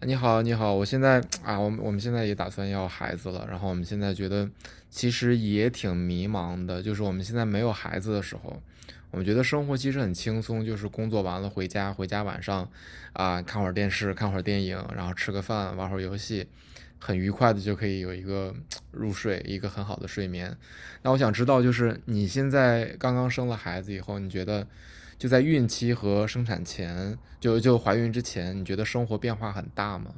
你好，你好，我现在啊，我们现在也打算要孩子了，然后我们现在觉得其实也挺迷茫的，就是我们现在没有孩子的时候，我们觉得生活其实很轻松，就是工作完了回家，回家晚上啊看会儿电视，看会儿电影，然后吃个饭，玩会儿游戏，很愉快的就可以有一个入睡，一个很好的睡眠。那我想知道，就是你现在刚刚生了孩子以后，你觉得就在孕期和生产前，就怀孕之前，你觉得生活变化很大吗？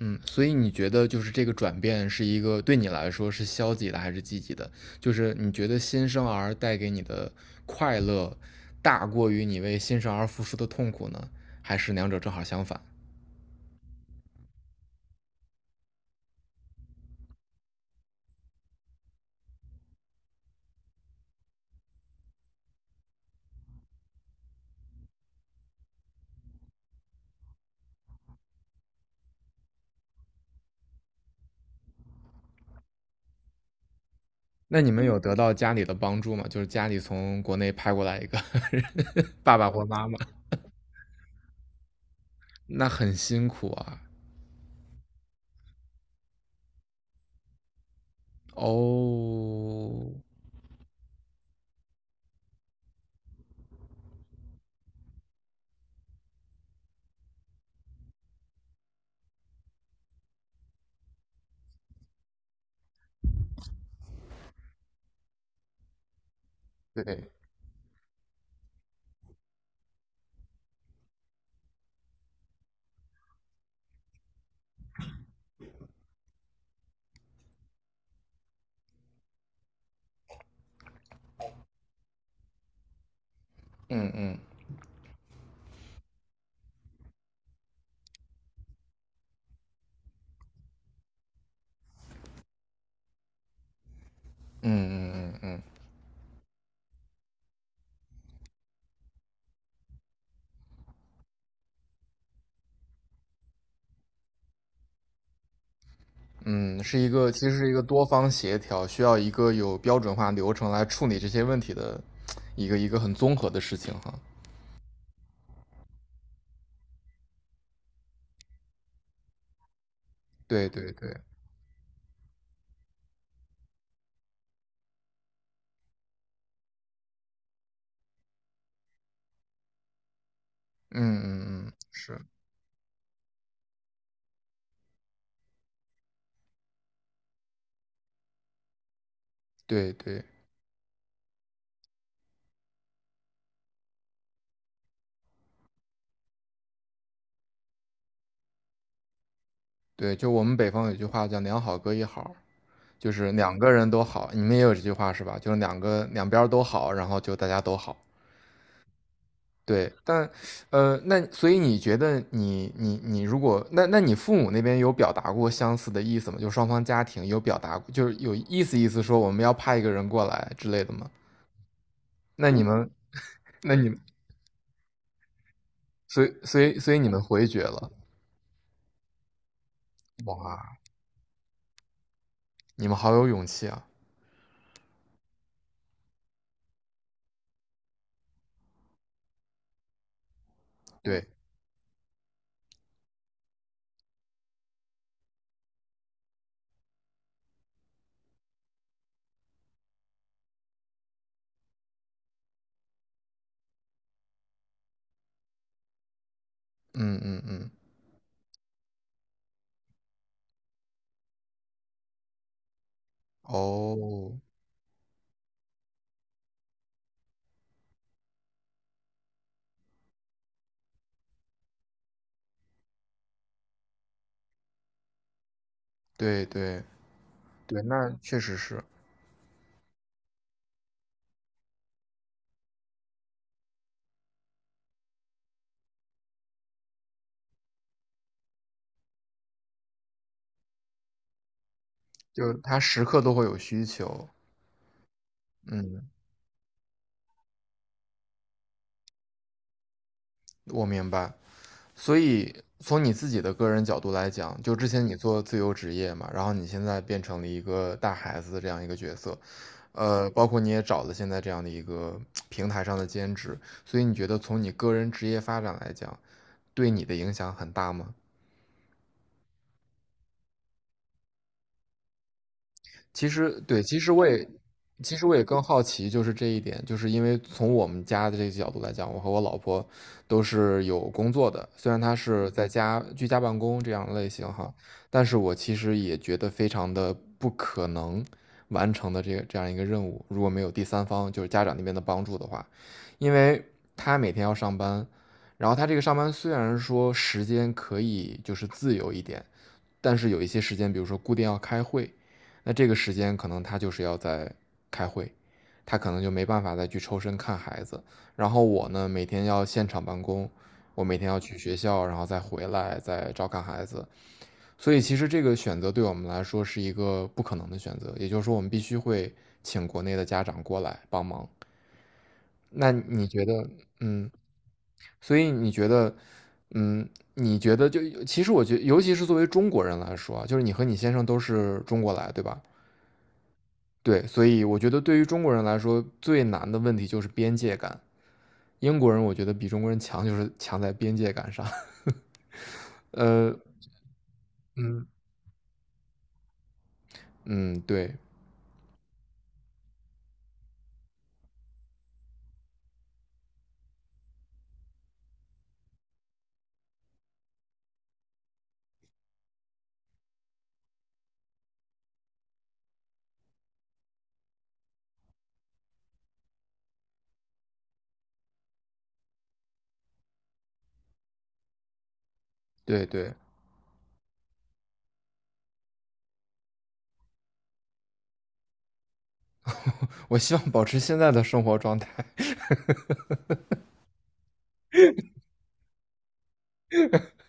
嗯，所以你觉得就是这个转变是一个对你来说是消极的还是积极的？就是你觉得新生儿带给你的快乐大过于你为新生儿付出的痛苦呢，还是两者正好相反？那你们有得到家里的帮助吗？就是家里从国内派过来一个 爸爸或妈妈，那很辛苦啊。哦，对，嗯嗯嗯嗯嗯嗯嗯，是一个其实是一个多方协调，需要一个有标准化流程来处理这些问题的一个一个很综合的事情哈。对对对，嗯嗯嗯，是，对对对，就我们北方有句话叫“两好各一好”，就是两个人都好，你们也有这句话是吧？就是两边儿都好，然后就大家都好。对，那所以你觉得你如果那你父母那边有表达过相似的意思吗？就双方家庭有表达，过，就是有意思意思说我们要派一个人过来之类的吗？那你们那你们所以所以所以你们回绝了，哇，你们好有勇气啊！对，嗯嗯嗯，哦，对对对，那确实是，就是他时刻都会有需求，嗯，我明白。所以从你自己的个人角度来讲，就之前你做自由职业嘛，然后你现在变成了一个带孩子的这样一个角色，包括你也找了现在这样的一个平台上的兼职，所以你觉得从你个人职业发展来讲，对你的影响很大吗？其实对，其实我也更好奇，就是这一点，就是因为从我们家的这个角度来讲，我和我老婆都是有工作的，虽然她是在家居家办公这样的类型哈，但是我其实也觉得非常的不可能完成的这样一个任务，如果没有第三方，就是家长那边的帮助的话，因为她每天要上班，然后她这个上班虽然说时间可以就是自由一点。但是有一些时间，比如说固定要开会，那这个时间可能他就是要在开会，他可能就没办法再去抽身看孩子。然后我呢，每天要现场办公，我每天要去学校，然后再回来再照看孩子。所以其实这个选择对我们来说是一个不可能的选择，也就是说我们必须会请国内的家长过来帮忙。那你觉得，嗯，所以你觉得，嗯，你觉得就其实我觉得，尤其是作为中国人来说啊，就是你和你先生都是中国来，对吧？对，所以我觉得对于中国人来说，最难的问题就是边界感。英国人我觉得比中国人强，就是强在边界感上。呃，嗯嗯，对对对，我希望保持现在的生活状态。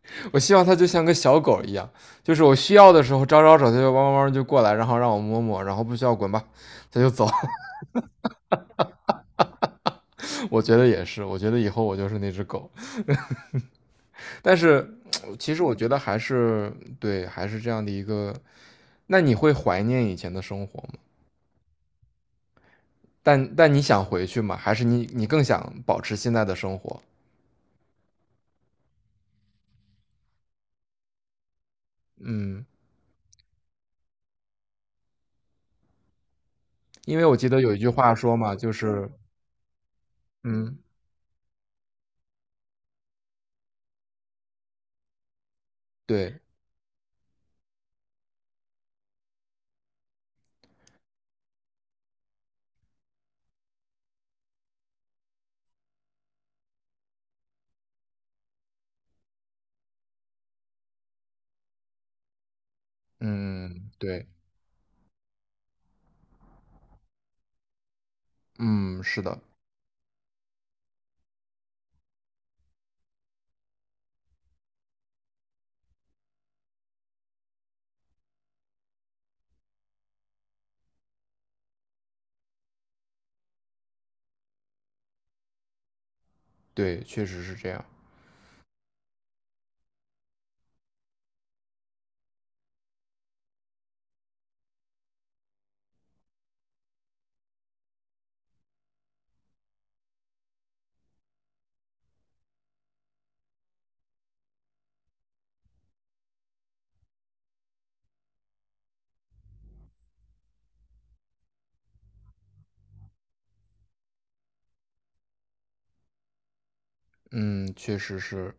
我希望它就像个小狗一样，就是我需要的时候招招手，它就汪汪汪就过来，然后让我摸摸，然后不需要滚吧，它就走。我觉得也是，我觉得以后我就是那只狗。但是 其实我觉得还是对，还是这样的一个。那你会怀念以前的生活吗？但你想回去吗？还是你更想保持现在的生活？嗯，因为我记得有一句话说嘛，就是嗯，对，嗯，对，嗯，是的，对，确实是这样，嗯，确实是，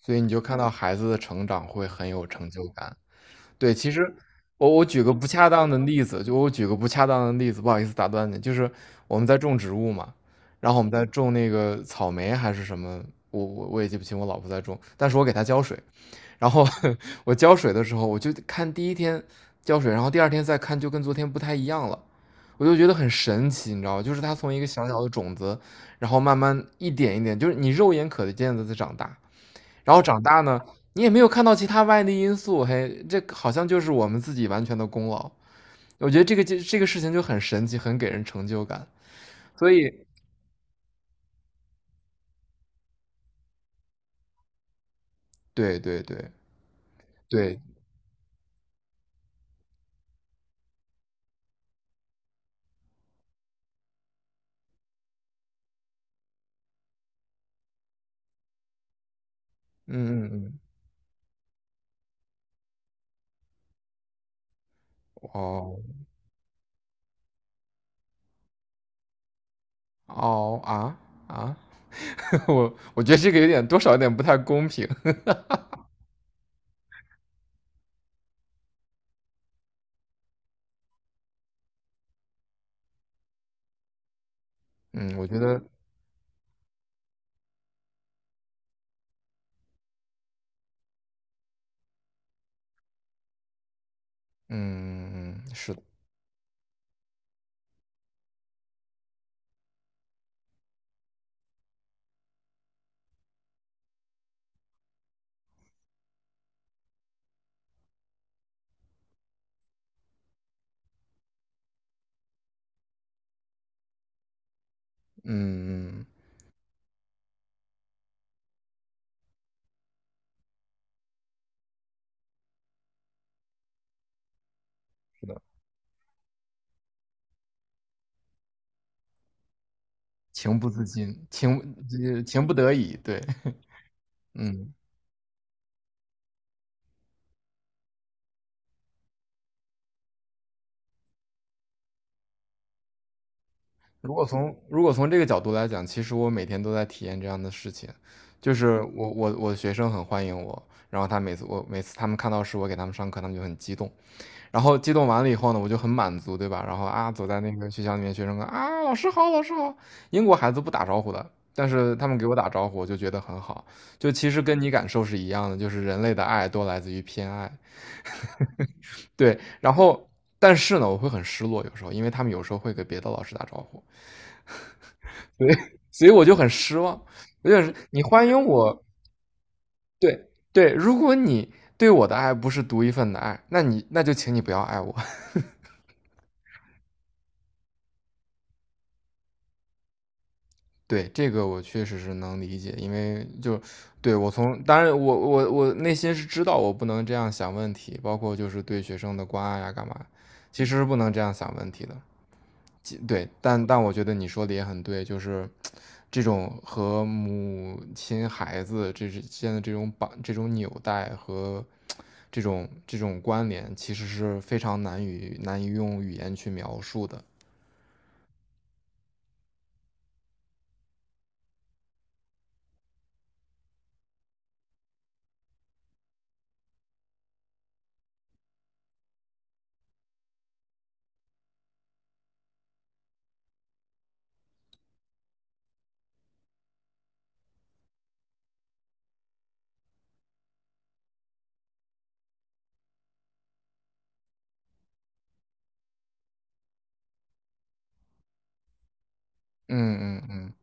所以你就看到孩子的成长会很有成就感。对，其实我我举个不恰当的例子，就我举个不恰当的例子，不好意思打断你，就是我们在种植物嘛，然后我们在种那个草莓还是什么，我也记不清我老婆在种，但是我给她浇水，然后我浇水的时候，我就看第一天浇水，然后第二天再看，就跟昨天不太一样了。我就觉得很神奇，你知道吗？就是它从一个小小的种子，然后慢慢一点一点，就是你肉眼可见的在长大。然后长大呢，你也没有看到其他外力因素，嘿，这好像就是我们自己完全的功劳。我觉得这个事情就很神奇，很给人成就感。所以，对对对对，嗯嗯嗯，哦哦啊啊。我觉得这个有点多少有点不太公平。嗯，我觉得，嗯，是的，嗯，情不自禁，情情不得已，对，嗯。如果从这个角度来讲，其实我每天都在体验这样的事情，就是我的学生很欢迎我，然后他每次我每次他们看到是我给他们上课，他们就很激动，然后激动完了以后呢，我就很满足，对吧？然后啊，走在那个学校里面，学生说啊，老师好，老师好。英国孩子不打招呼的，但是他们给我打招呼，我就觉得很好。就其实跟你感受是一样的，就是人类的爱都来自于偏爱。对，然后但是呢，我会很失落，有时候，因为他们有时候会给别的老师打招呼，所以 所以我就很失望。我就是你欢迎我，对对，如果你对我的爱不是独一份的爱，那就请你不要爱我。对，这个我确实是能理解，因为就对我从当然我内心是知道我不能这样想问题，包括就是对学生的关爱呀、干嘛，其实是不能这样想问题的。对，但我觉得你说的也很对，就是这种和母亲、孩子这之间的这种绑、这种纽带和这种关联，其实是非常难以用语言去描述的。嗯嗯嗯，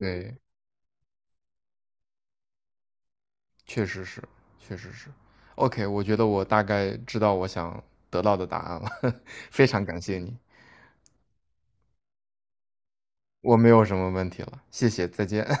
对。确实是，确实是。OK，我觉得我大概知道我想得到的答案了，非常感谢你，我没有什么问题了，谢谢，再见。